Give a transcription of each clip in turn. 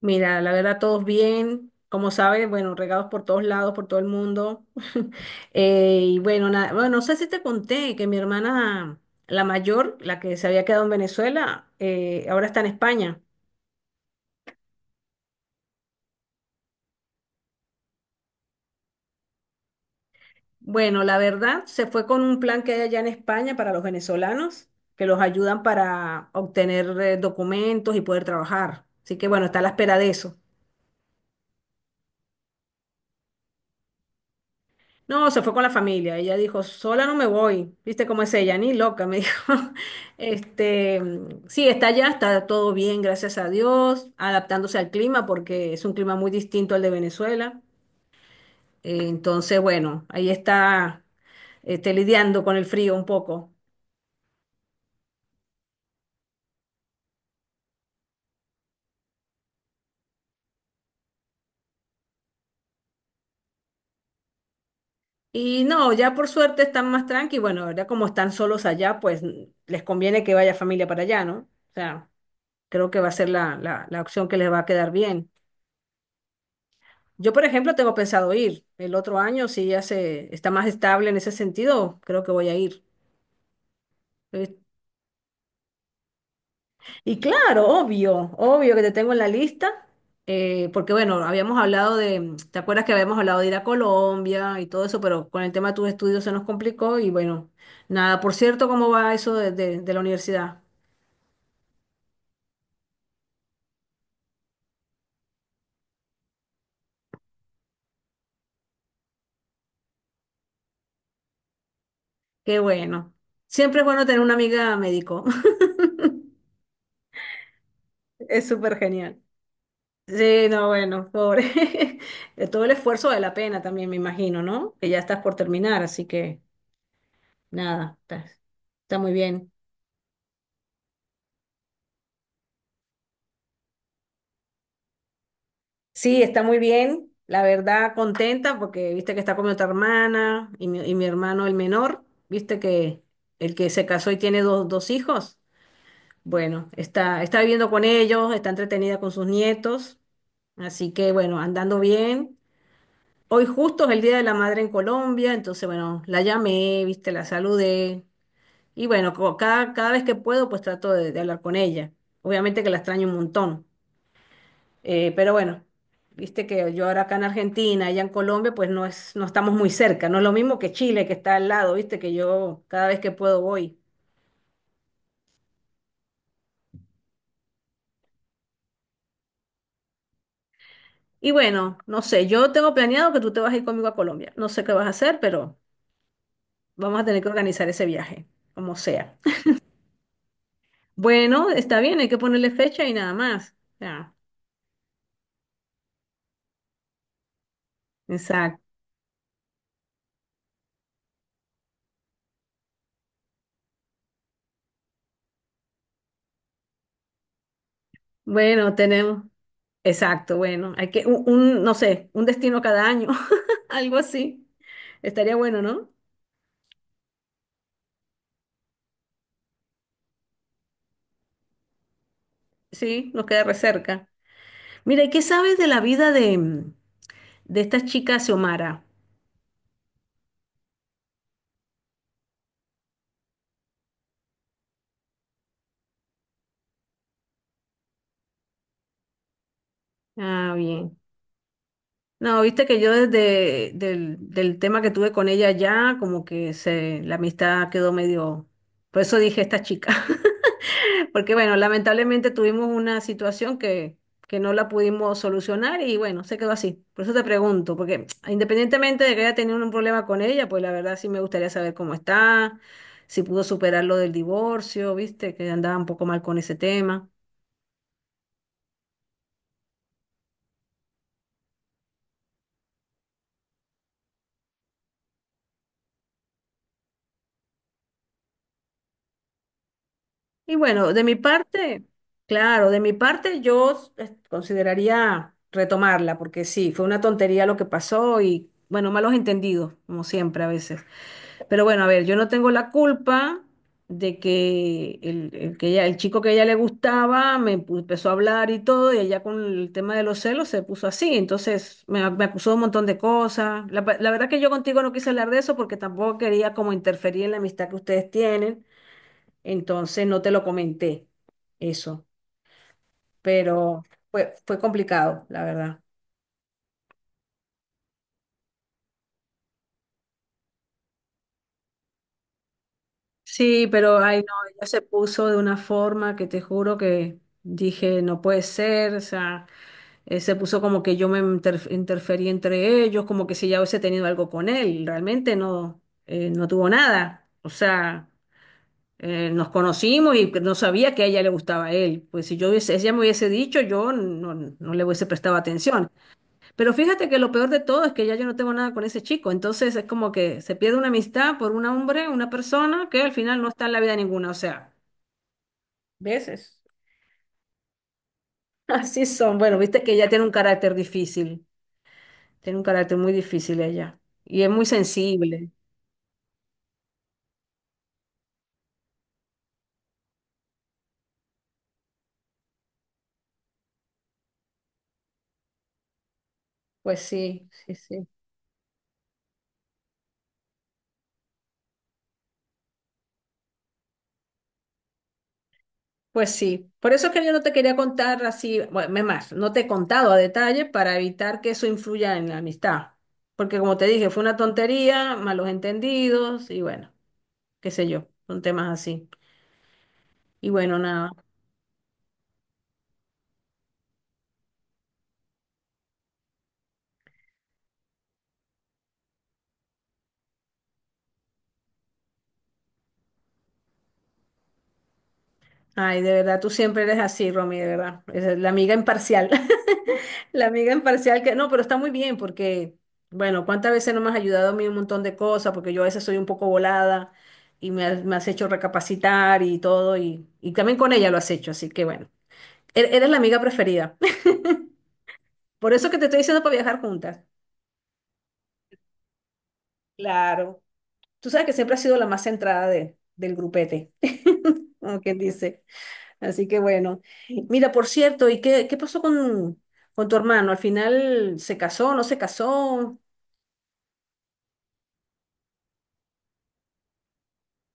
Mira, la verdad, todos bien. Como sabes, bueno, regados por todos lados, por todo el mundo. Y bueno, nada, bueno, no sé si te conté que mi hermana, la mayor, la que se había quedado en Venezuela, ahora está en España. Bueno, la verdad, se fue con un plan que hay allá en España para los venezolanos, que los ayudan para obtener documentos y poder trabajar. Así que bueno, está a la espera de eso. No, se fue con la familia. Ella dijo, sola no me voy. ¿Viste cómo es ella? Ni loca, me dijo. Este, sí, está allá, está todo bien, gracias a Dios, adaptándose al clima porque es un clima muy distinto al de Venezuela. Entonces, bueno, ahí está, este, lidiando con el frío un poco. Y no, ya por suerte están más tranqui. Bueno, ahora como están solos allá, pues les conviene que vaya familia para allá, ¿no? O sea, creo que va a ser la opción que les va a quedar bien. Yo, por ejemplo, tengo pensado ir el otro año, si ya se está más estable en ese sentido, creo que voy a ir. Eh, Y claro, obvio, obvio que te tengo en la lista, porque bueno, habíamos hablado de, ¿te acuerdas que habíamos hablado de ir a Colombia y todo eso, pero con el tema de tus estudios se nos complicó y bueno, nada, por cierto, ¿cómo va eso de, de la universidad? Qué bueno. Siempre es bueno tener una amiga médico, es súper genial. Sí, no, bueno, pobre. De todo el esfuerzo vale la pena también, me imagino, ¿no? Que ya estás por terminar, así que nada, está, está muy bien. Sí, está muy bien. La verdad, contenta porque viste que está con mi otra hermana y mi hermano el menor, viste que el que se casó y tiene dos hijos. Bueno, está, está viviendo con ellos, está entretenida con sus nietos. Así que bueno, andando bien. Hoy justo es el Día de la Madre en Colombia, entonces bueno, la llamé, viste, la saludé. Y bueno, cada vez que puedo, pues trato de hablar con ella. Obviamente que la extraño un montón. Pero bueno, viste que yo ahora acá en Argentina, allá en Colombia, pues no es, no estamos muy cerca. No es lo mismo que Chile, que está al lado, viste, que yo cada vez que puedo voy. Y bueno, no sé, yo tengo planeado que tú te vas a ir conmigo a Colombia. No sé qué vas a hacer, pero vamos a tener que organizar ese viaje, como sea. Bueno, está bien, hay que ponerle fecha y nada más. Ya, exacto. Bueno, tenemos. Exacto, bueno, hay que, no sé, un destino cada año, algo así. Estaría bueno, ¿no? Sí, nos queda re cerca. Mira, ¿y qué sabes de la vida de, de esta chica Xiomara? Ah, bien. No, viste que yo desde del tema que tuve con ella ya, como que se, la amistad quedó medio... Por eso dije esta chica. Porque bueno, lamentablemente tuvimos una situación que no la pudimos solucionar y bueno, se quedó así. Por eso te pregunto, porque independientemente de que haya tenido un problema con ella, pues la verdad sí me gustaría saber cómo está, si pudo superar lo del divorcio, viste, que andaba un poco mal con ese tema. Y bueno, de mi parte, claro, de mi parte yo consideraría retomarla, porque sí, fue una tontería lo que pasó y bueno, malos entendidos, como siempre a veces. Pero bueno, a ver, yo no tengo la culpa de que el chico que a ella le gustaba empezó a hablar y todo, y ella con el tema de los celos se puso así. Entonces me acusó de un montón de cosas. La verdad que yo contigo no quise hablar de eso porque tampoco quería como interferir en la amistad que ustedes tienen. Entonces no te lo comenté eso. Pero fue complicado, la verdad. Sí, pero ay no, ella se puso de una forma que te juro que dije, no puede ser, o sea. Se puso como que yo interferí entre ellos, como que si ya hubiese tenido algo con él. Realmente no, no tuvo nada. O sea, nos conocimos y no sabía que a ella le gustaba a él. Pues si yo hubiese, si ella me hubiese dicho, yo no, no le hubiese prestado atención. Pero fíjate que lo peor de todo es que ya yo no tengo nada con ese chico. Entonces es como que se pierde una amistad por un hombre, una persona que al final no está en la vida ninguna. O sea, veces. Así son. Bueno, viste que ella tiene un carácter difícil. Tiene un carácter muy difícil ella y es muy sensible. Pues sí, sí, sí. Pues sí. Por eso es que yo no te quería contar así, bueno, es más, no te he contado a detalle para evitar que eso influya en la amistad. Porque como te dije, fue una tontería, malos entendidos y bueno, qué sé yo, son temas así. Y bueno, nada. Ay, de verdad, tú siempre eres así, Romy, de verdad. Esa es la amiga imparcial. La amiga imparcial que no, pero está muy bien porque, bueno, cuántas veces no me has ayudado a mí en un montón de cosas, porque yo a veces soy un poco volada y me has hecho recapacitar y todo, y también con ella lo has hecho, así que bueno, eres la amiga preferida. Por eso que te estoy diciendo para viajar juntas. Claro. Tú sabes que siempre has sido la más centrada de, del grupete, como quien dice. Así que bueno. Mira, por cierto, ¿y qué, qué pasó con tu hermano? ¿Al final se casó, no se casó?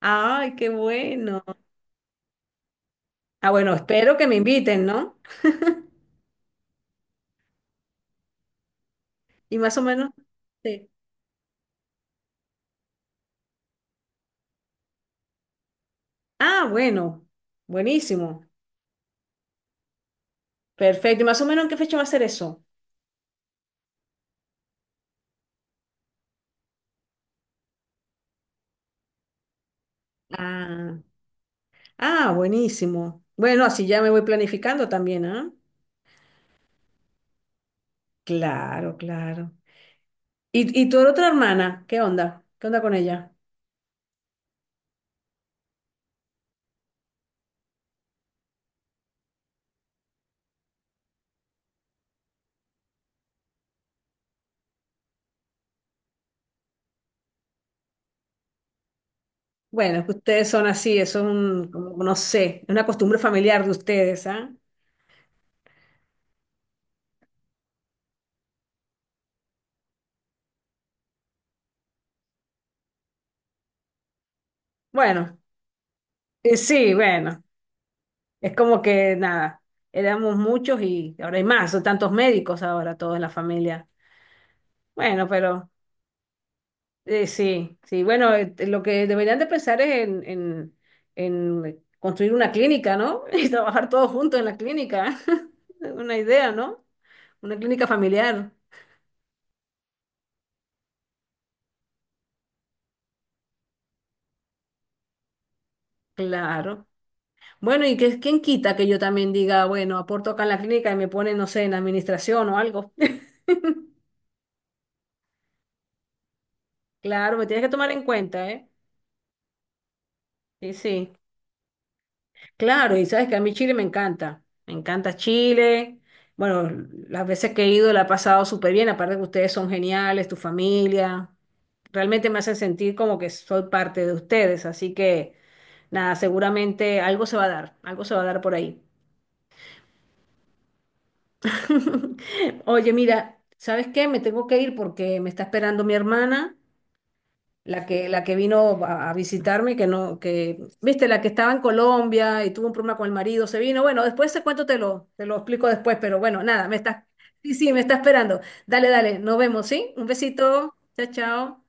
Ay, qué bueno. Ah, bueno, espero que me inviten, ¿no? Y más o menos. Sí. Ah, bueno, buenísimo. Perfecto. ¿Y más o menos en qué fecha va a ser eso? Ah, ah, buenísimo. Bueno, así ya me voy planificando también, ¿ah? Claro, claro. Y tu otra hermana? ¿Qué onda? ¿Qué onda con ella? Bueno, es que ustedes son así, eso es un, como, no sé, una costumbre familiar de ustedes, ¿ah? Bueno, sí, bueno. Es como que nada, éramos muchos y ahora hay más, son tantos médicos ahora, todos en la familia. Bueno, pero sí, sí, bueno, lo que deberían de pensar es en construir una clínica, ¿no? Y trabajar todos juntos en la clínica. Una idea, ¿no? Una clínica familiar, claro. Bueno, y que, quién quita que yo también diga, bueno, aporto acá en la clínica y me ponen, no sé, en administración o algo. Claro, me tienes que tomar en cuenta, ¿eh? Sí, sí. Claro, y sabes que a mí Chile me encanta Chile. Bueno, las veces que he ido la he pasado súper bien, aparte que ustedes son geniales, tu familia, realmente me hace sentir como que soy parte de ustedes, así que nada, seguramente algo se va a dar, algo se va a dar por ahí. Oye, mira, ¿sabes qué? Me tengo que ir porque me está esperando mi hermana la que vino a visitarme, que no, que, viste, la que estaba en Colombia y tuvo un problema con el marido, se vino. Bueno, después ese cuento te lo explico después, pero bueno, nada, me estás, sí, sí, me está esperando. Dale, dale, nos vemos, ¿sí? Un besito, chao, chao.